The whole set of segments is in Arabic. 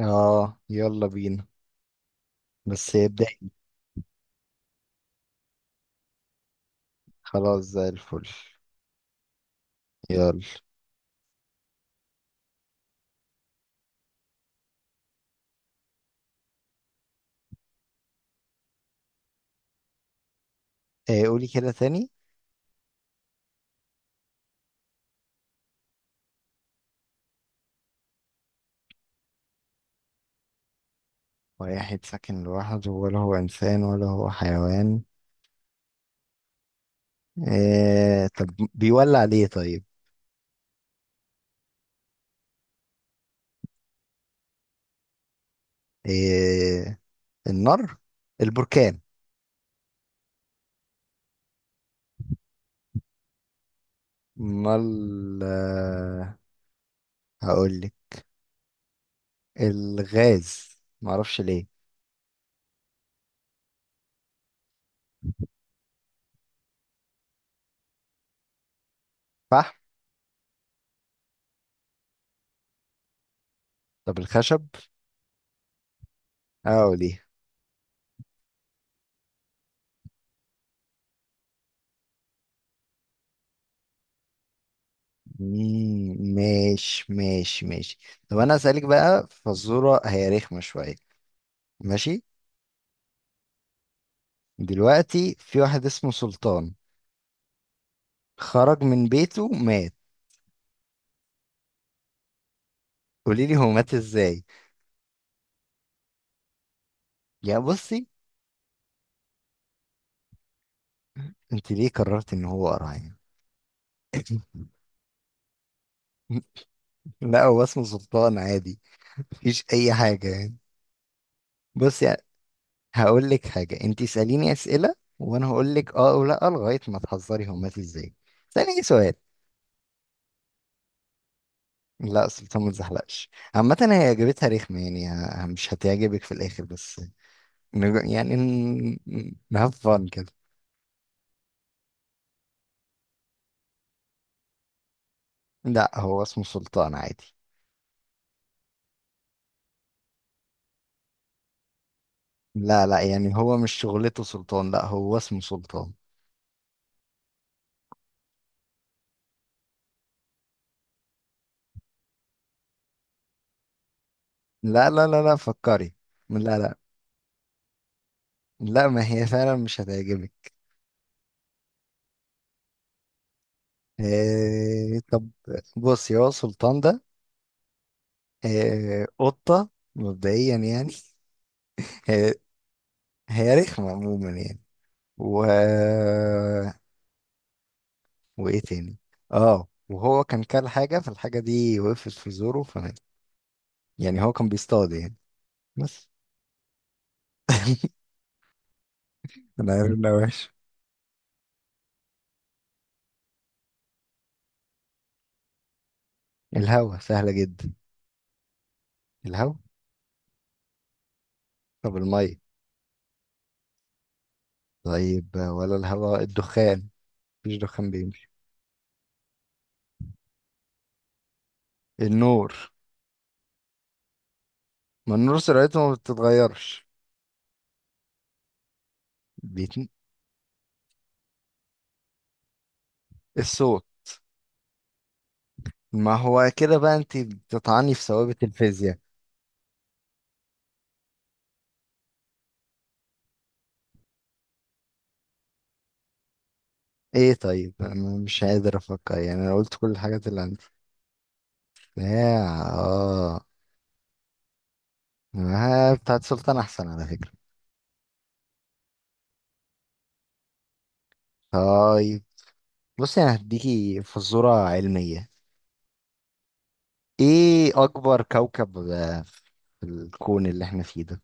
اه، يلا بينا. بس ابدأي. خلاص، زي الفل. يلا. ايه؟ قولي كده تاني. واحد ساكن لوحده، ولا هو انسان ولا هو حيوان. ايه؟ طب، بيولع ليه؟ طيب. ايه؟ النار؟ البركان؟ امال هقول لك. الغاز. معرفش ليه. صح. طب الخشب. اه، ليه؟ ماشي ماشي ماشي. طب انا اسالك بقى فزوره، هي رخمه شويه. ماشي. دلوقتي في واحد اسمه سلطان، خرج من بيته مات. قولي لي هو مات ازاي؟ يا بصي. انت ليه قررت ان هو قرعان؟ لا، هو اسمه سلطان عادي. مفيش اي حاجه يعني. بصي، هقول لك حاجه. انت اساليني اسئله وانا هقول لك اه او لا، لغايه ما تحذري هو مات ازاي. اساليني سؤال. لا، سلطان ما تزحلقش. عامة هي إجابتها رخمة يعني، مش هتعجبك في الآخر بس. يعني نهاف فن كده. لا، هو اسمه سلطان عادي. لا لا، يعني هو مش شغلته سلطان، لا هو اسمه سلطان. لا لا لا لا، فكري. لا لا، لا ما هي فعلا مش هتعجبك. آه طب، بصي هو سلطان ده آه قطة. مبدئيا يعني. هي هي رخمة عموما يعني. و وإيه تاني؟ اه، وهو كان كل حاجة، فالحاجة دي وقفت في زوره فمات. يعني هو كان بيصطاد يعني بس. أنا عارف إنها وحشة. الهوا، سهلة جدا. الهوا. طب المية. طيب، ولا الهواء الدخان؟ مفيش دخان بيمشي. النور. ما النور سرعته ما بتتغيرش. بيتن... الصوت. ما هو كده بقى انت بتطعني في ثوابت الفيزياء. ايه طيب، انا مش قادر افكر يعني، انا قلت كل الحاجات اللي عندي. يا اه. آه، بتاعت سلطان احسن على فكرة. طيب، بصي انا هديكي فزورة علمية. ايه اكبر كوكب في الكون اللي احنا فيه ده؟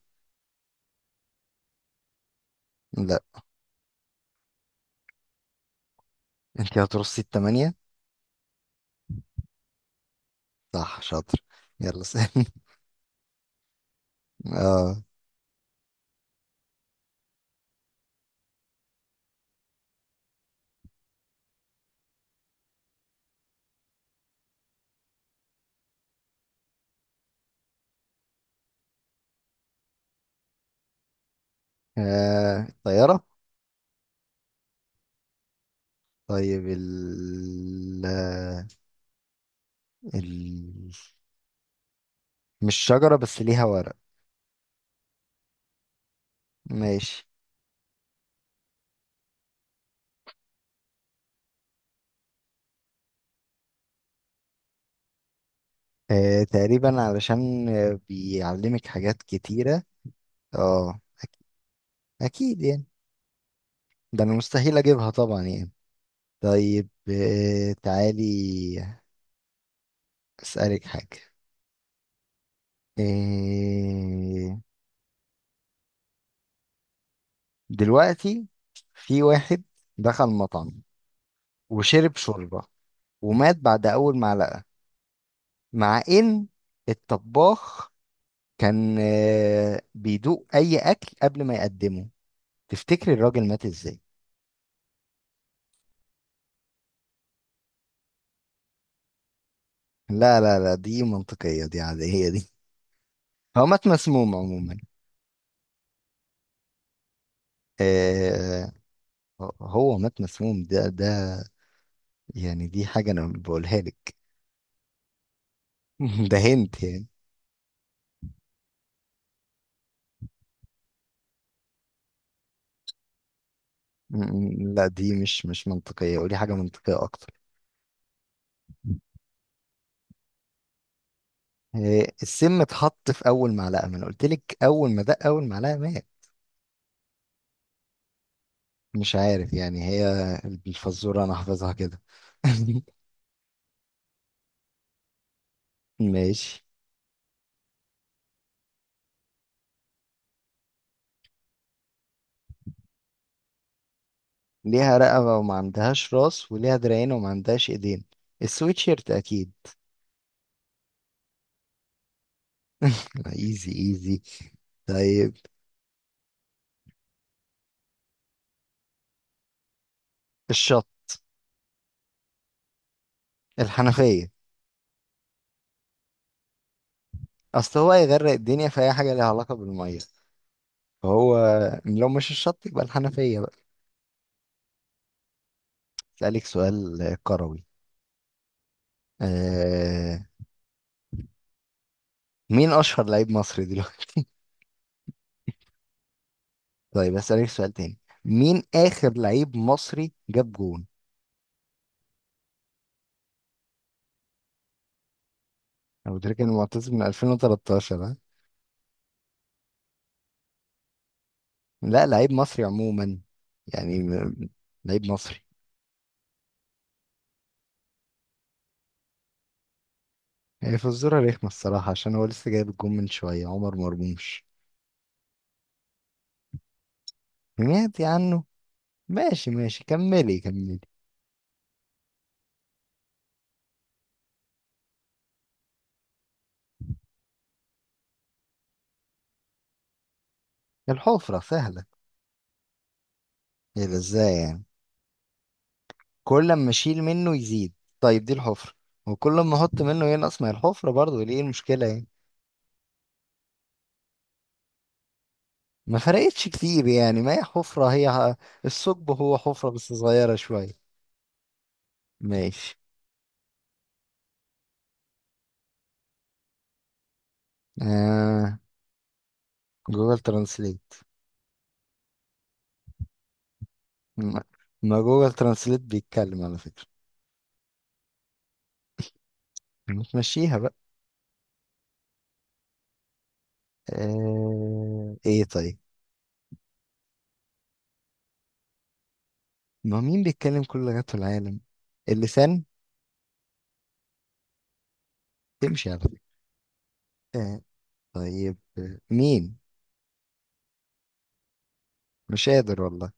لا. انت هترصي التمانية. صح، شاطر. يلا سألني. اه. آه، الطيارة. طيب ال... مش شجرة بس ليها ورق. ماشي. آه تقريبا علشان بيعلمك حاجات كتيرة. اه أكيد يعني. ده أنا مستحيل أجيبها طبعا يعني. طيب تعالي أسألك حاجة. آه دلوقتي في واحد دخل مطعم وشرب شوربة ومات بعد أول معلقة، مع ان الطباخ كان بيدوق اي اكل قبل ما يقدمه. تفتكري الراجل مات ازاي؟ لا لا لا، دي منطقية دي، عادية دي. هو مات مسموم عموما. آه هو مات مسموم، ده يعني دي حاجة انا بقولها لك. ده هنت يعني. لا دي مش منطقية، قولي حاجة منطقية اكتر. آه، السم اتحط في اول معلقة. ما انا قلت لك اول ما دق اول معلقة مات. مش عارف يعني، هي الفزورة أنا حافظها كده. ماشي. ليها رقبة وما عندهاش راس، وليها دراعين وما عندهاش إيدين. السويتشيرت أكيد. ايزي ايزي. طيب. الشط. الحنفية. أصل هو هيغرق الدنيا في أي حاجة ليها علاقة بالمية، فهو لو مش الشط يبقى الحنفية بقى. أسألك سؤال كروي. آه... مين أشهر لعيب مصري دلوقتي؟ طيب أسألك سؤال تاني، مين آخر لعيب مصري جاب جول؟ أبو تريكة المعتزل من 2013 ها؟ لا، لعيب مصري عموما. يعني لعيب مصري. هي فزورة رخمة الصراحة، عشان هو لسه جايب الجون من شوية، عمر مرموش. سمعتي عنه. ماشي ماشي، كملي كملي. الحفرة سهلة. ايه ده ازاي يعني؟ كل ما اشيل منه يزيد، طيب دي الحفرة. وكل ما احط منه ينقص، ما هي الحفرة برضه، ليه المشكلة يعني؟ ما فرقتش كتير يعني، ما هي حفرة، هي الثقب هو حفرة بس صغيرة شوية. ماشي. آه، جوجل ترانسليت. ما ما جوجل ترانسليت بيتكلم على فكرة، متمشيها بقى. ايه طيب، ما مين بيتكلم كل لغات العالم؟ اللسان. تمشي على فكرة. آه... طيب مين؟ مش قادر والله.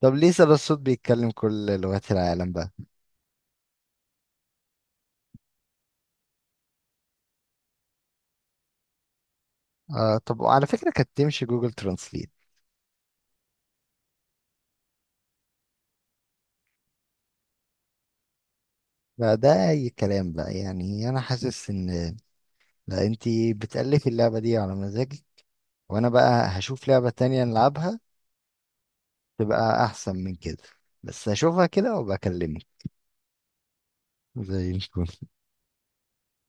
طب ليه سبب الصوت بيتكلم كل لغات العالم بقى؟ طب، وعلى فكرة كانت تمشي جوجل ترانسليت. بقى ده اي كلام بقى يعني، انا حاسس ان، لا انتي بتألفي اللعبة دي على مزاجك، وانا بقى هشوف لعبة تانية نلعبها، تبقى احسن من كده. بس اشوفها كده وبكلمك. زي الفل.